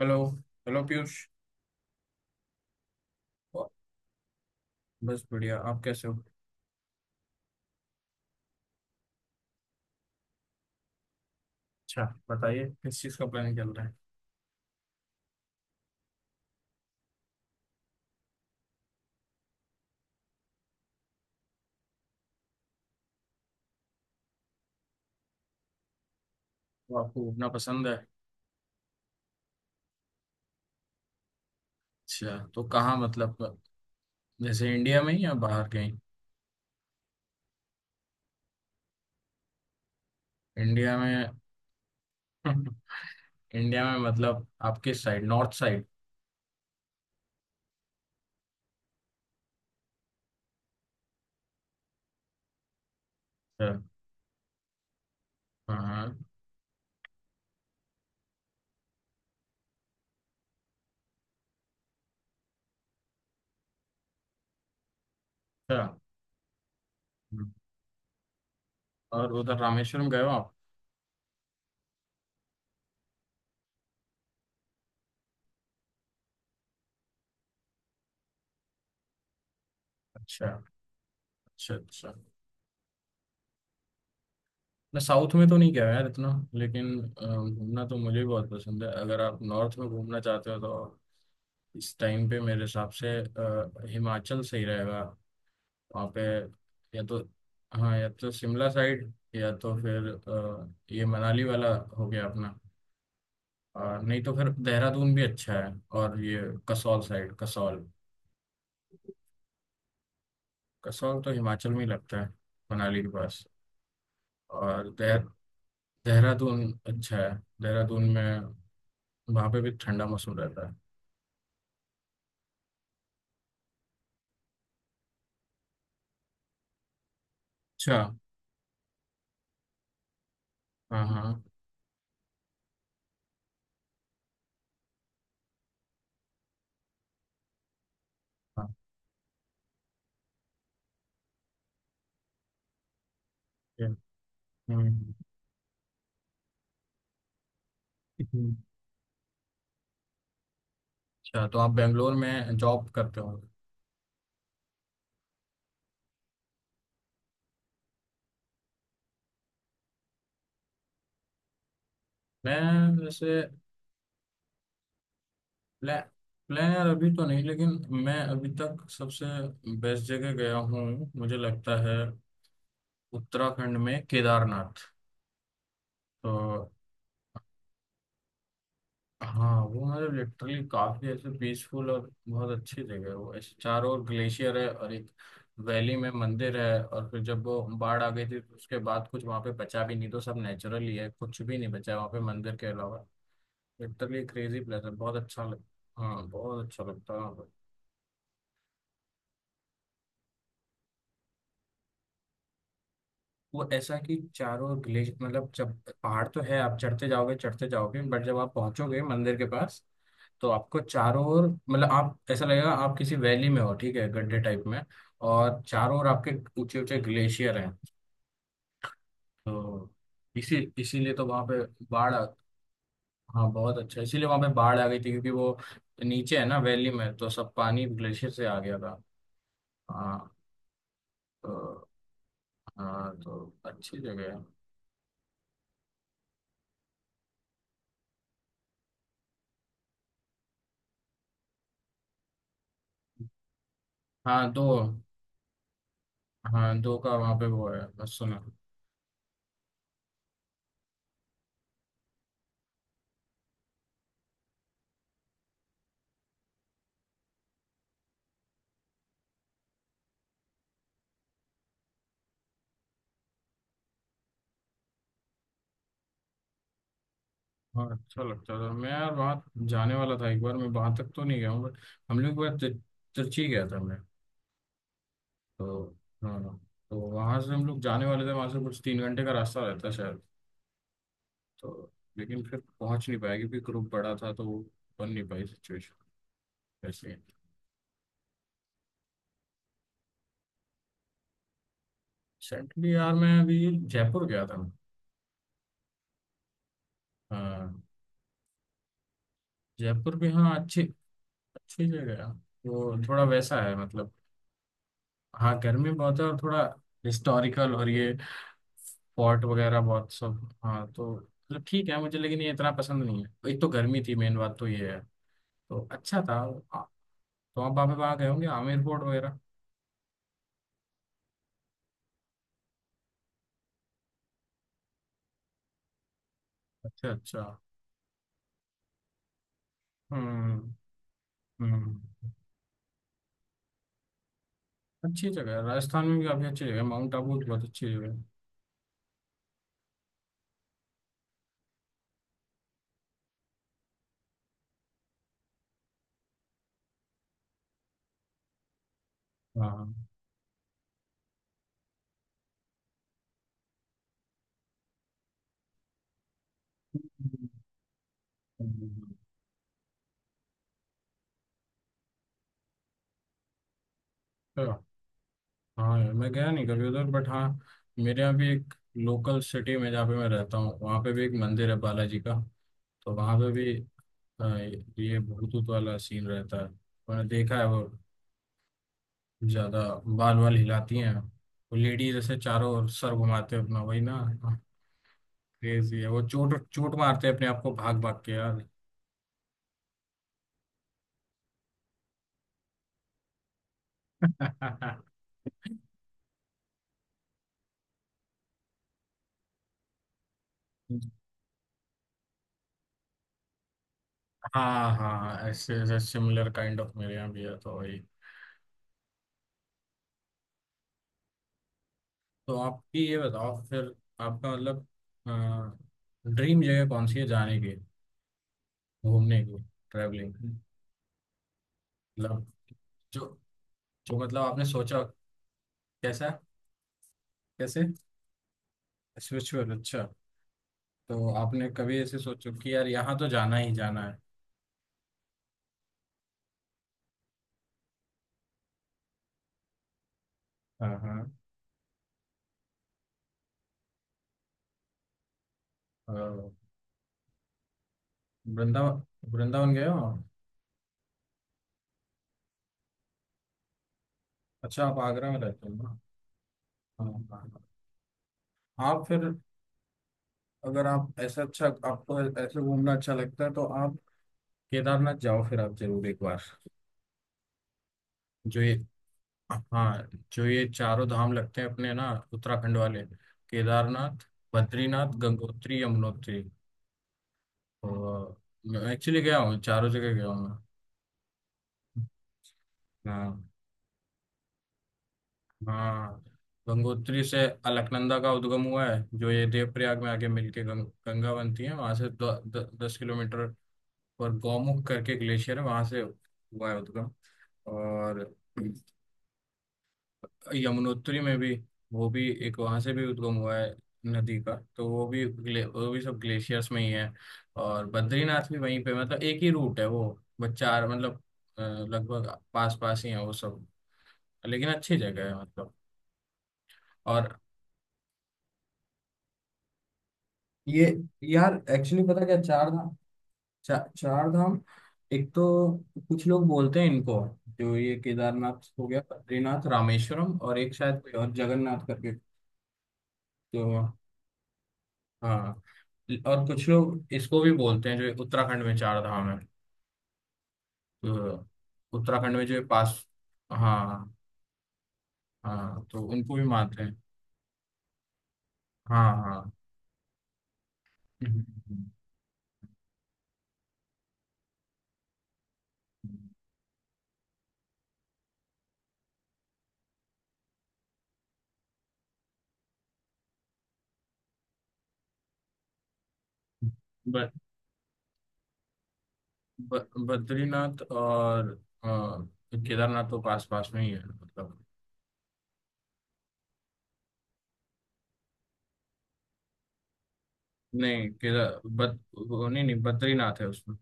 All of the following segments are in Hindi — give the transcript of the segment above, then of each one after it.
हेलो। हेलो पीयूष। बस बढ़िया। आप कैसे हो? अच्छा। बताइए किस चीज़ का प्लान चल रहा है? तो आपको घूमना पसंद है? अच्छा तो कहाँ मतलब जैसे इंडिया में ही या बाहर कहीं? इंडिया में। इंडिया में मतलब आप किस साइड? North side? हाँ हाँ, अच्छा। हम्म। और उधर रामेश्वरम गए हो आप? अच्छा अच्छा। अच्छा मैं साउथ में तो नहीं गया यार इतना। लेकिन घूमना तो मुझे भी बहुत पसंद है। अगर आप नॉर्थ में घूमना चाहते हो तो इस टाइम पे मेरे हिसाब से हिमाचल सही रहेगा वहाँ पे। या तो हाँ, या तो शिमला साइड या तो फिर ये मनाली वाला हो गया अपना। और नहीं तो फिर देहरादून भी अच्छा है। और ये कसौल साइड, कसौल। कसौल तो हिमाचल में ही लगता है, मनाली के पास। और देहरादून अच्छा है। देहरादून में वहाँ पे भी ठंडा मौसम रहता है। अच्छा हाँ हाँ हाँ, ये, हम्म, हम्म। अच्छा तो आप बेंगलोर में जॉब करते हो? मैं जैसे प्ला, प्लान यार अभी तो नहीं, लेकिन मैं अभी तक सबसे बेस्ट जगह गया हूँ मुझे लगता है उत्तराखंड में केदारनाथ। तो हाँ वो मतलब लिटरली काफी ऐसे पीसफुल और बहुत अच्छी जगह है वो, ऐसे चारों ओर ग्लेशियर है और एक वैली में मंदिर है। और फिर जब वो बाढ़ आ गई थी तो उसके बाद कुछ वहाँ पे बचा भी नहीं, तो सब नेचुरल ही है, कुछ भी नहीं बचा है वहाँ पे मंदिर के अलावा। लिटरली क्रेजी प्लेस है, बहुत अच्छा लग। हाँ बहुत अच्छा लगता है। वो ऐसा कि चारों ग्लेश मतलब जब पहाड़ तो है, आप चढ़ते जाओगे चढ़ते जाओगे, बट जब आप पहुंचोगे मंदिर के पास तो आपको चारों ओर मतलब आप ऐसा लगेगा आप किसी वैली में हो, ठीक है, गड्ढे टाइप में। और चारों ओर आपके ऊंचे ऊंचे ग्लेशियर हैं। तो इसीलिए तो वहां पे बाढ़। हाँ बहुत अच्छा, इसीलिए वहां पे बाढ़ आ गई थी क्योंकि वो नीचे है ना वैली में, तो सब पानी ग्लेशियर से आ गया था। हाँ। तो हाँ तो अच्छी जगह है। हाँ दो, हाँ दो का वहां पे वो है, बस सुना। हाँ अच्छा लगता था। मैं यार वहाँ जाने वाला था एक बार, मैं वहाँ तक तो नहीं गया हूँ बट हम लोग एक बार तिरची गया था मैं। तो हाँ हाँ, तो वहाँ से हम लोग जाने वाले थे, वहाँ से कुछ 3 घंटे का रास्ता रहता शायद। तो लेकिन फिर पहुँच नहीं पाया क्योंकि ग्रुप बड़ा था, तो वो बन नहीं पाई सिचुएशन ऐसे। रिसेंटली यार मैं अभी जयपुर गया था। हाँ जयपुर भी, हाँ अच्छी, अच्छी जगह है। वो थोड़ा वैसा है मतलब, हाँ गर्मी बहुत है। और थोड़ा हिस्टोरिकल और ये पॉट वगैरह बहुत सब। हाँ तो मतलब ठीक है मुझे, लेकिन ये इतना पसंद नहीं है, एक तो गर्मी थी, मेन बात तो ये है। तो अच्छा था। आ- तो आप वहाँ वहाँ गए होंगे आमेर फोर्ट वगैरह। अच्छा अच्छा। हम्म। हम्म। अच्छी जगह है। राजस्थान में भी काफी अच्छी जगह है। माउंट आबू भी बहुत अच्छी जगह है। हाँ अच्छा, हाँ यार मैं गया नहीं कभी उधर बट हाँ। मेरे यहाँ भी एक लोकल सिटी में जहाँ पे मैं रहता हूँ, वहाँ पे भी एक मंदिर है बालाजी का। तो वहाँ पे भी हाँ ये भूतूत वाला सीन रहता है। मैंने देखा है वो ज्यादा। बाल बाल हिलाती हैं वो लेडी, जैसे चारों ओर सर घुमाते हैं अपना, वही ना। क्रेजी है। वो चोट चोट मारते हैं अपने आप को, भाग भाग के यार। हाँ हाँ, ऐसे ऐसे सिमिलर काइंड ऑफ मेरे यहाँ भी है, तो वही। तो आपकी ये बताओ फिर, आपका मतलब ड्रीम जगह कौन सी है जाने की, घूमने की, ट्रैवलिंग? मतलब जो जो मतलब आपने सोचा, कैसा, कैसे? स्पिरिचुअल, अच्छा। तो आपने कभी ऐसे सोचो कि यार यहाँ तो जाना ही जाना है? हाँ हाँ। अ, वृंदावन, वृंदावन गए हो आप? अच्छा आप आगरा में रहते हो ना। हाँ हाँ। हाँ। आप फिर, अगर आप ऐसा, अच्छा आपको ऐसे घूमना अच्छा लगता है तो आप केदारनाथ जाओ फिर आप जरूर एक बार। जो ये हाँ, जो ये चारों धाम लगते हैं अपने ना उत्तराखंड वाले। केदारनाथ, बद्रीनाथ, गंगोत्री, यमुनोत्री। और मैं एक्चुअली गया हूँ, चारों जगह गया हूँ मैं। हाँ हाँ। गंगोत्री से अलकनंदा का उद्गम हुआ है, जो ये देवप्रयाग में आके मिलके गंगा बनती है। वहां से द, द, 10 किलोमीटर पर गौमुख करके ग्लेशियर है, वहां से हुआ है उद्गम। और यमुनोत्री में भी, वो भी एक वहां से भी उद्गम हुआ है नदी का। तो वो भी वो भी सब ग्लेशियर्स में ही है। और बद्रीनाथ भी वहीं पे मतलब एक ही रूट है वो। बस चार मतलब लगभग पास पास ही है वो सब। लेकिन अच्छी जगह है मतलब। और ये यार एक्चुअली पता क्या चार धाम, चार धाम? एक तो कुछ लोग बोलते हैं इनको जो ये केदारनाथ हो गया, बद्रीनाथ, रामेश्वरम और एक शायद कोई और जगन्नाथ करके। जो हाँ, और कुछ लोग इसको भी बोलते हैं जो उत्तराखंड में चार धाम है, तो उत्तराखंड में जो ये पास, हाँ हाँ, तो उनको भी मानते हैं। हाँ हाँ, हम्म, हम्म, हम्म। ब, ब, बद्रीनाथ और केदारनाथ तो पास पास में ही है मतलब। नहीं केदा बद वो नहीं नहीं, बद्रीनाथ है उसमें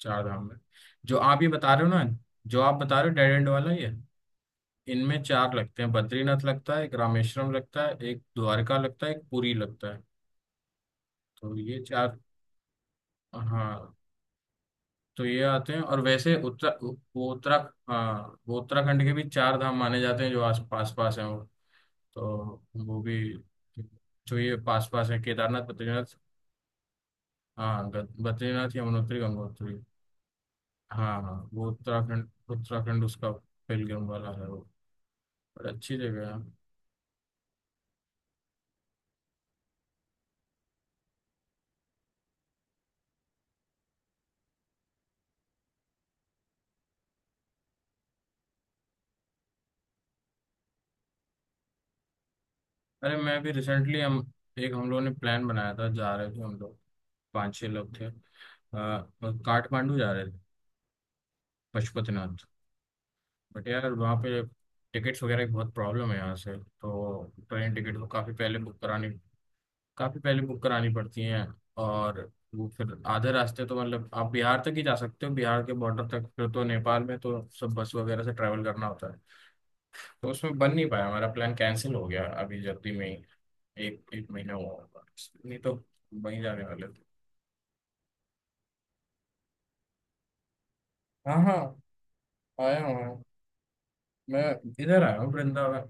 चार धाम में। जो आप ये बता रहे हो ना, जो आप बता रहे हो डेड एंड वाला ये, इनमें चार लगते हैं, बद्रीनाथ लगता है एक, रामेश्वरम लगता है एक, द्वारका लगता है एक, पुरी लगता है। तो ये चार, हाँ तो ये आते हैं। और वैसे उत्तर वो उत्तरा हाँ वो उत्तराखंड के भी चार धाम माने जाते हैं, जो आस पास पास हैं वो। तो वो भी जो ये पास पास है केदारनाथ बद्रीनाथ, हाँ बद्रीनाथ, यमुनोत्री, गंगोत्री। हाँ हाँ वो उत्तराखंड, उत्तराखंड उसका पेलग्रिम वाला है वो। बड़ी अच्छी जगह है। अरे मैं भी रिसेंटली हम, एक हम लोगों ने प्लान बनाया था, जा रहे थे हम लोग, पाँच छः लोग थे, काठमांडू जा रहे थे, पशुपतिनाथ। बट यार वहाँ पे टिकट्स वगैरह की बहुत प्रॉब्लम है यहाँ से। तो ट्रेन टिकट को काफ़ी पहले बुक करानी पड़ती हैं। और वो फिर आधे रास्ते तो मतलब आप बिहार तक ही जा सकते हो, बिहार के बॉर्डर तक, फिर तो नेपाल में तो सब बस वगैरह से ट्रैवल करना होता है। तो उसमें बन नहीं पाया हमारा, प्लान कैंसिल हो गया अभी जल्दी में ही। एक एक महीना हुआ होगा। नहीं तो वहीं जाने वाले थे। हाँ हाँ, आया हूँ आया हूँ। मैं इधर आया हूँ वृंदावन।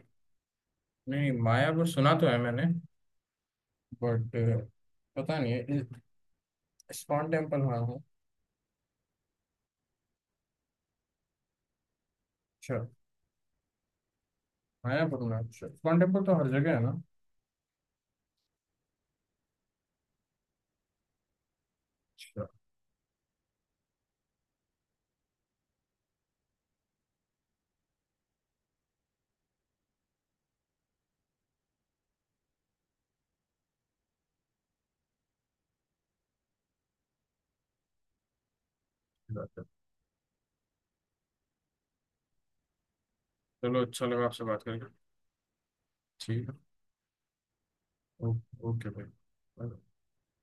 नहीं मायापुर सुना तो है मैंने, बट पता नहीं है। इस्कॉन टेम्पल आया हूँ। अच्छा। मायापुर में अच्छा, इस्कॉन टेम्पल तो हर जगह है ना। अच्छा, अच्छी बात है। चलो अच्छा लगा आपसे बात करके। ठीक है। ओ- ओके भाई।